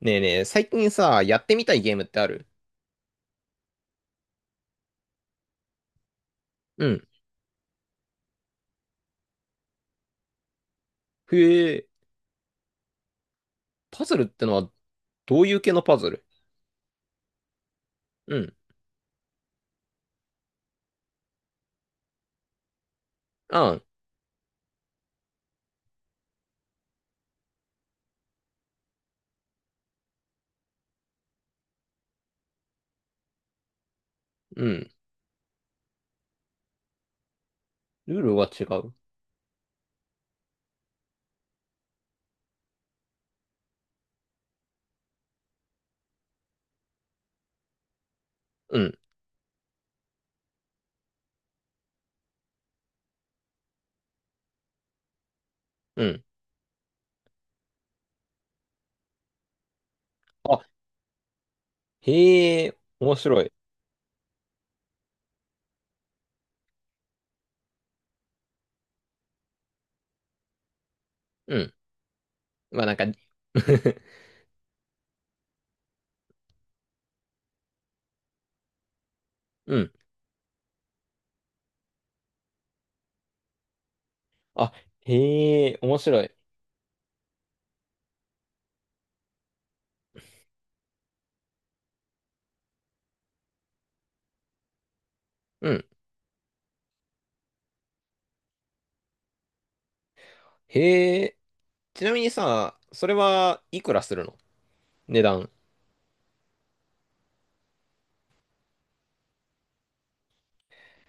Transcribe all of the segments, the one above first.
ねえねえ、最近さ、やってみたいゲームってある？うん。へえ、パズルってのは、どういう系のパズル？うん。あん。うん。ルールは違う。うん。うん。あ、へえ、面白い。うん。まあなんか うん。あ、へえ、面白い。うん。へえ、ちなみにさ、それはいくらするの？値段。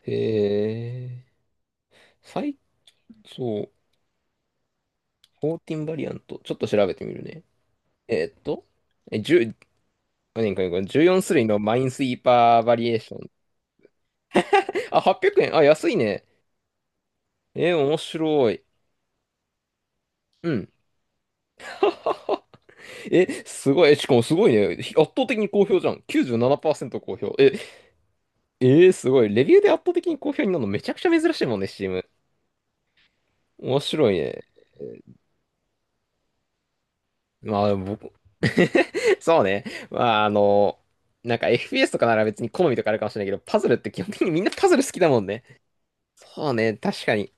へえ、最、そう、14バリアント。ちょっと調べてみるね。えーっと、1何これ、これ14種類のマインスイーパーバリエーション。あ、800円。あ、安いね。面白い。うん。え、すごい。しかもすごいね。圧倒的に好評じゃん。97%好評。え、すごい。レビューで圧倒的に好評になるのめちゃくちゃ珍しいもんね、s t e m。 面白いね。まあ、僕、そうね。まあ、なんか FPS とかなら別に好みとかあるかもしれないけど、パズルって基本的にみんなパズル好きだもんね。そうね、確かに。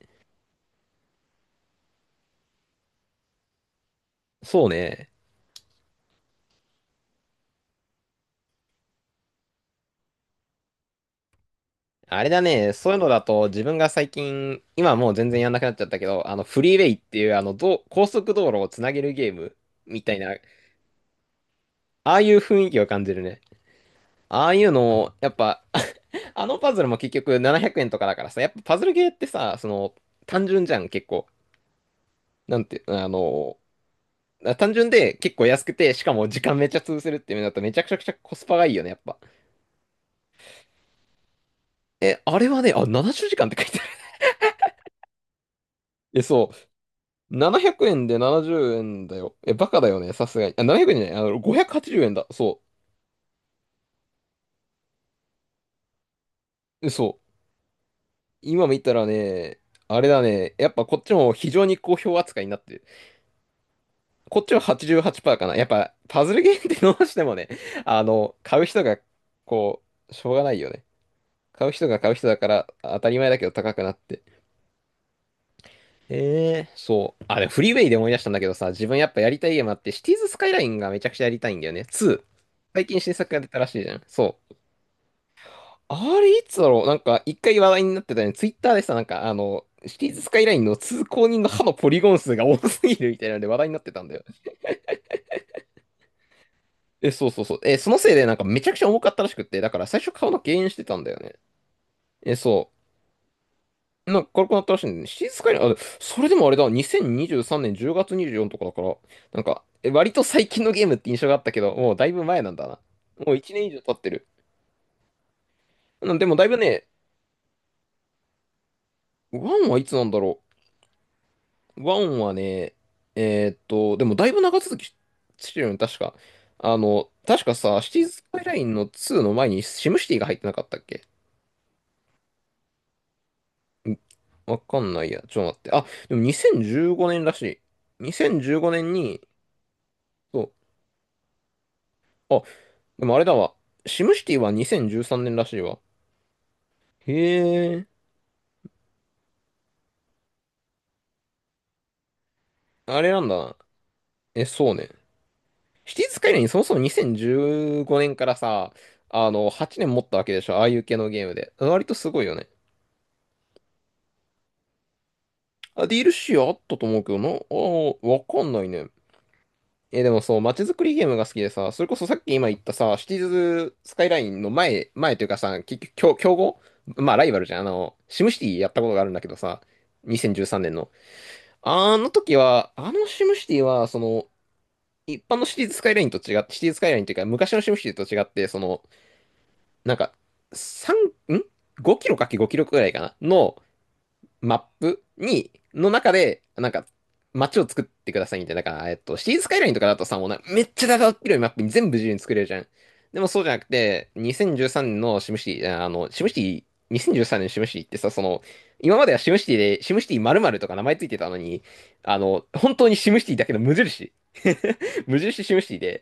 そうね。あれだね、そういうのだと自分が最近、今はもう全然やんなくなっちゃったけど、あのフリーウェイっていうあのどう高速道路をつなげるゲームみたいな、ああいう雰囲気を感じるね。ああいうのを、やっぱ あのパズルも結局700円とかだからさ、やっぱパズルゲーってさ、その単純じゃん、結構。なんて、単純で結構安くて、しかも時間めっちゃ潰せるっていうのだとめちゃくちゃくちゃコスパがいいよね、やっぱ。え、あれはね、あ、70時間って書いてある。え、そう。700円で70円だよ。え、バカだよね、さすがに。あ、700円じゃない、580円だ。そう。えそう。今見たらね、あれだね、やっぱこっちも非常に好評扱いになってる。こっちは88%かな。やっぱパズルゲームってどうしてもね、買う人が、こしょうがないよね。買う人が買う人だから当たり前だけど高くなって。ええ、そう。あ、フリーウェイで思い出したんだけどさ、自分やっぱやりたいゲームあって、シティーズスカイラインがめちゃくちゃやりたいんだよね。2。最近新作が出たらしいじゃん。そう。あれ、いつだろう。なんか、一回話題になってたよね。ツイッターでさ、なんか、シティーズスカイラインの通行人の歯のポリゴン数が多すぎるみたいなので話題になってたんだよ。え、そうそうそう。え、そのせいで、なんか、めちゃくちゃ重かったらしくって、だから、最初顔の減塩してたんだよね。え、そう。なんか、軽くなったらしいんだよね。シティーズスカイライン、あ、それでもあれだ、2023年10月24とかだから、なんか、割と最近のゲームって印象があったけど、もうだいぶ前なんだな。もう1年以上経ってる。うん、でも、だいぶね、ワンはいつなんだろう。ワンはね、でもだいぶ長続きしてるよね、確か。確かさ、シティーズ・スカイラインの2の前にシムシティが入ってなかったっけ？んわかんないや。ちょっと待って。あ、でも2015年らしい。2015年に、そう。あ、でもあれだわ。シムシティは2013年らしいわ。へえ、あれなんだな。え、そうね。シティーズ・スカイラインそもそも2015年からさ、8年持ったわけでしょ。ああいう系のゲームで。割とすごいよね。あ、ディール l c あったと思うけどな。ああ、わかんないね。え、でもそう、街づくりゲームが好きでさ、それこそさっき今言ったさ、シティーズスカイラインの前、前というかさ、結局、競合まあ、ライバルじゃん。シムシティやったことがあるんだけどさ、2013年の。あの時は、あのシムシティは、一般のシティーズスカイラインと違って、シティーズスカイラインというか、昔のシムシティと違って、なんか、3、ん ?5 キロかけ5キロくらいかなのマップに、の中で、なんか、街を作ってくださいみたいな。だから、シティーズスカイラインとかだとさ、もうな、めっちゃ長っ広いマップに全部自由に作れるじゃん。でもそうじゃなくて、2013年のシムシティ、シムシティ、2013年シムシティってさ、今まではシムシティで、シムシティ〇〇とか名前ついてたのに、本当にシムシティだけの無印。無印シムシティで、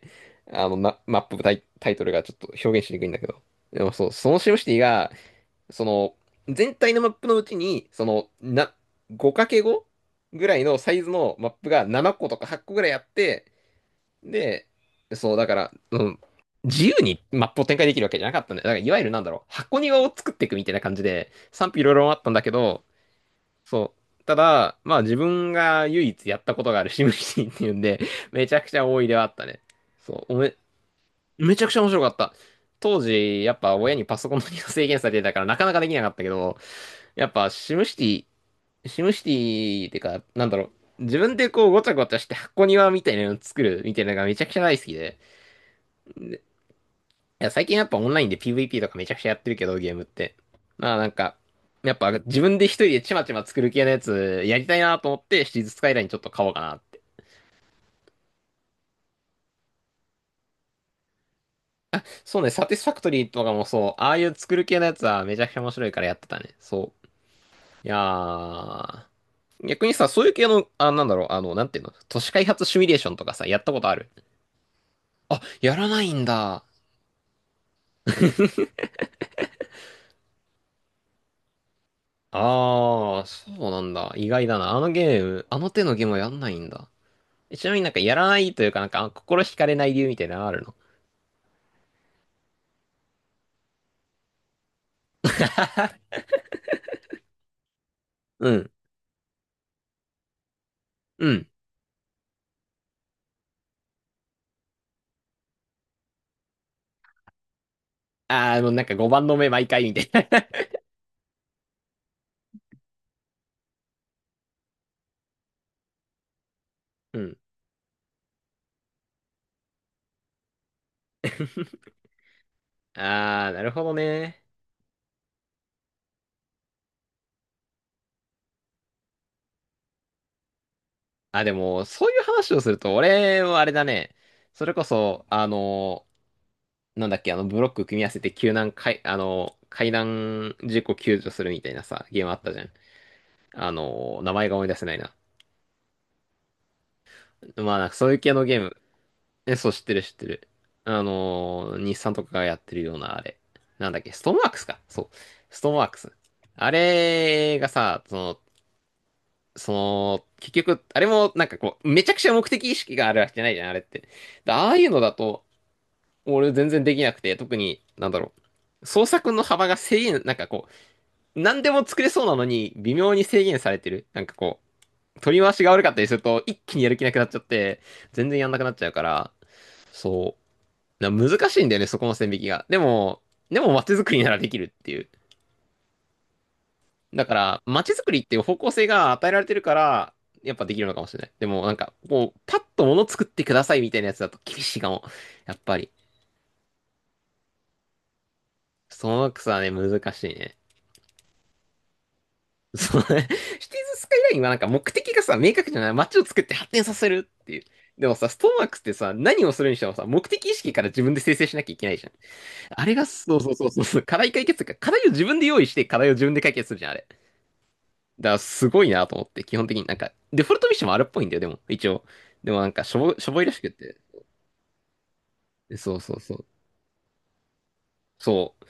あの、まマップタイ、タイトルがちょっと表現しにくいんだけど。でもそう、そのシムシティが、その、全体のマップのうちに、5×5 ぐらいのサイズのマップが7個とか8個ぐらいあって、で、そう、だから、うん、自由にマップを展開できるわけじゃなかったんで、だからいわゆるなんだろう、箱庭を作っていくみたいな感じで、賛否いろいろあったんだけど、そう、ただ、まあ自分が唯一やったことがあるシムシティっていうんで、めちゃくちゃ多いではあったね。そう、めちゃくちゃ面白かった。当時、やっぱ親にパソコンの利用制限されてたからなかなかできなかったけど、やっぱシムシティってか、なんだろう、自分でこうごちゃごちゃして箱庭みたいなの作るみたいなのがめちゃくちゃ大好きで、いや、最近やっぱオンラインで PVP とかめちゃくちゃやってるけど、ゲームって。まあなんか、やっぱ自分で一人でちまちま作る系のやつやりたいなと思ってシティーズスカイラインちょっと買おうかなって。そうね、サティスファクトリーとかもそう、ああいう作る系のやつはめちゃくちゃ面白いからやってたね。そう。いやー、逆にさ、そういう系の、あ、なんだろう、なんていうの、都市開発シミュレーションとかさ、やったことある？あ、やらないんだ。あー、そうなんだ。意外だな。あのゲーム、あの手のゲームはやんないんだ。ちなみになんかやらないというか、なんか心惹かれない理由みたいなのあるの？ うん。うん。あー、もうなんか5番の目毎回みたいな うん。あー、なるほどね。あ、でも、そういう話をすると、俺はあれだね。それこそ、なんだっけ、ブロック組み合わせて救難、かい、あの、海難事故救助するみたいなさ、ゲームあったじゃん。名前が思い出せないな。まあ、なんかそういう系のゲーム。そう、知ってる、知ってる。日産とかがやってるような、あれ。なんだっけ、ストーンワークスか。そう。ストーンワークス。あれがさ、結局、あれもなんかこう、めちゃくちゃ目的意識があるわけじゃないじゃん、あれって。でああいうのだと、俺全然できなくて、特に、なんだろう。創作の幅が制限、なんかこう、何でも作れそうなのに微妙に制限されてる。なんかこう、取り回しが悪かったりすると一気にやる気なくなっちゃって、全然やんなくなっちゃうから、そう。なんか難しいんだよね、そこの線引きが。でも街づくりならできるっていう。だから、街づくりっていう方向性が与えられてるから、やっぱできるのかもしれない。でもなんか、こう、パッと物作ってくださいみたいなやつだと厳しいかも。やっぱり。そのくさね、難しいね。そのね、シティーズスカイラインはなんか目的がさ、明確じゃない。街を作って発展させるっていう。でもさ、ストーンワークスってさ、何をするにしてもさ、目的意識から自分で生成しなきゃいけないじゃん。あれが、そうそうそうそうそう、課題解決というか、課題を自分で用意して、課題を自分で解決するじゃん、あれ。だからすごいなと思って、基本的になんか、デフォルトミッションもあるっぽいんだよ、でも、一応。でもなんか、しょぼいらしくって。そうそうそう。そう。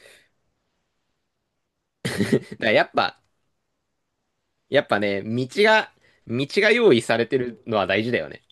だからやっぱね、道が用意されてるのは大事だよね。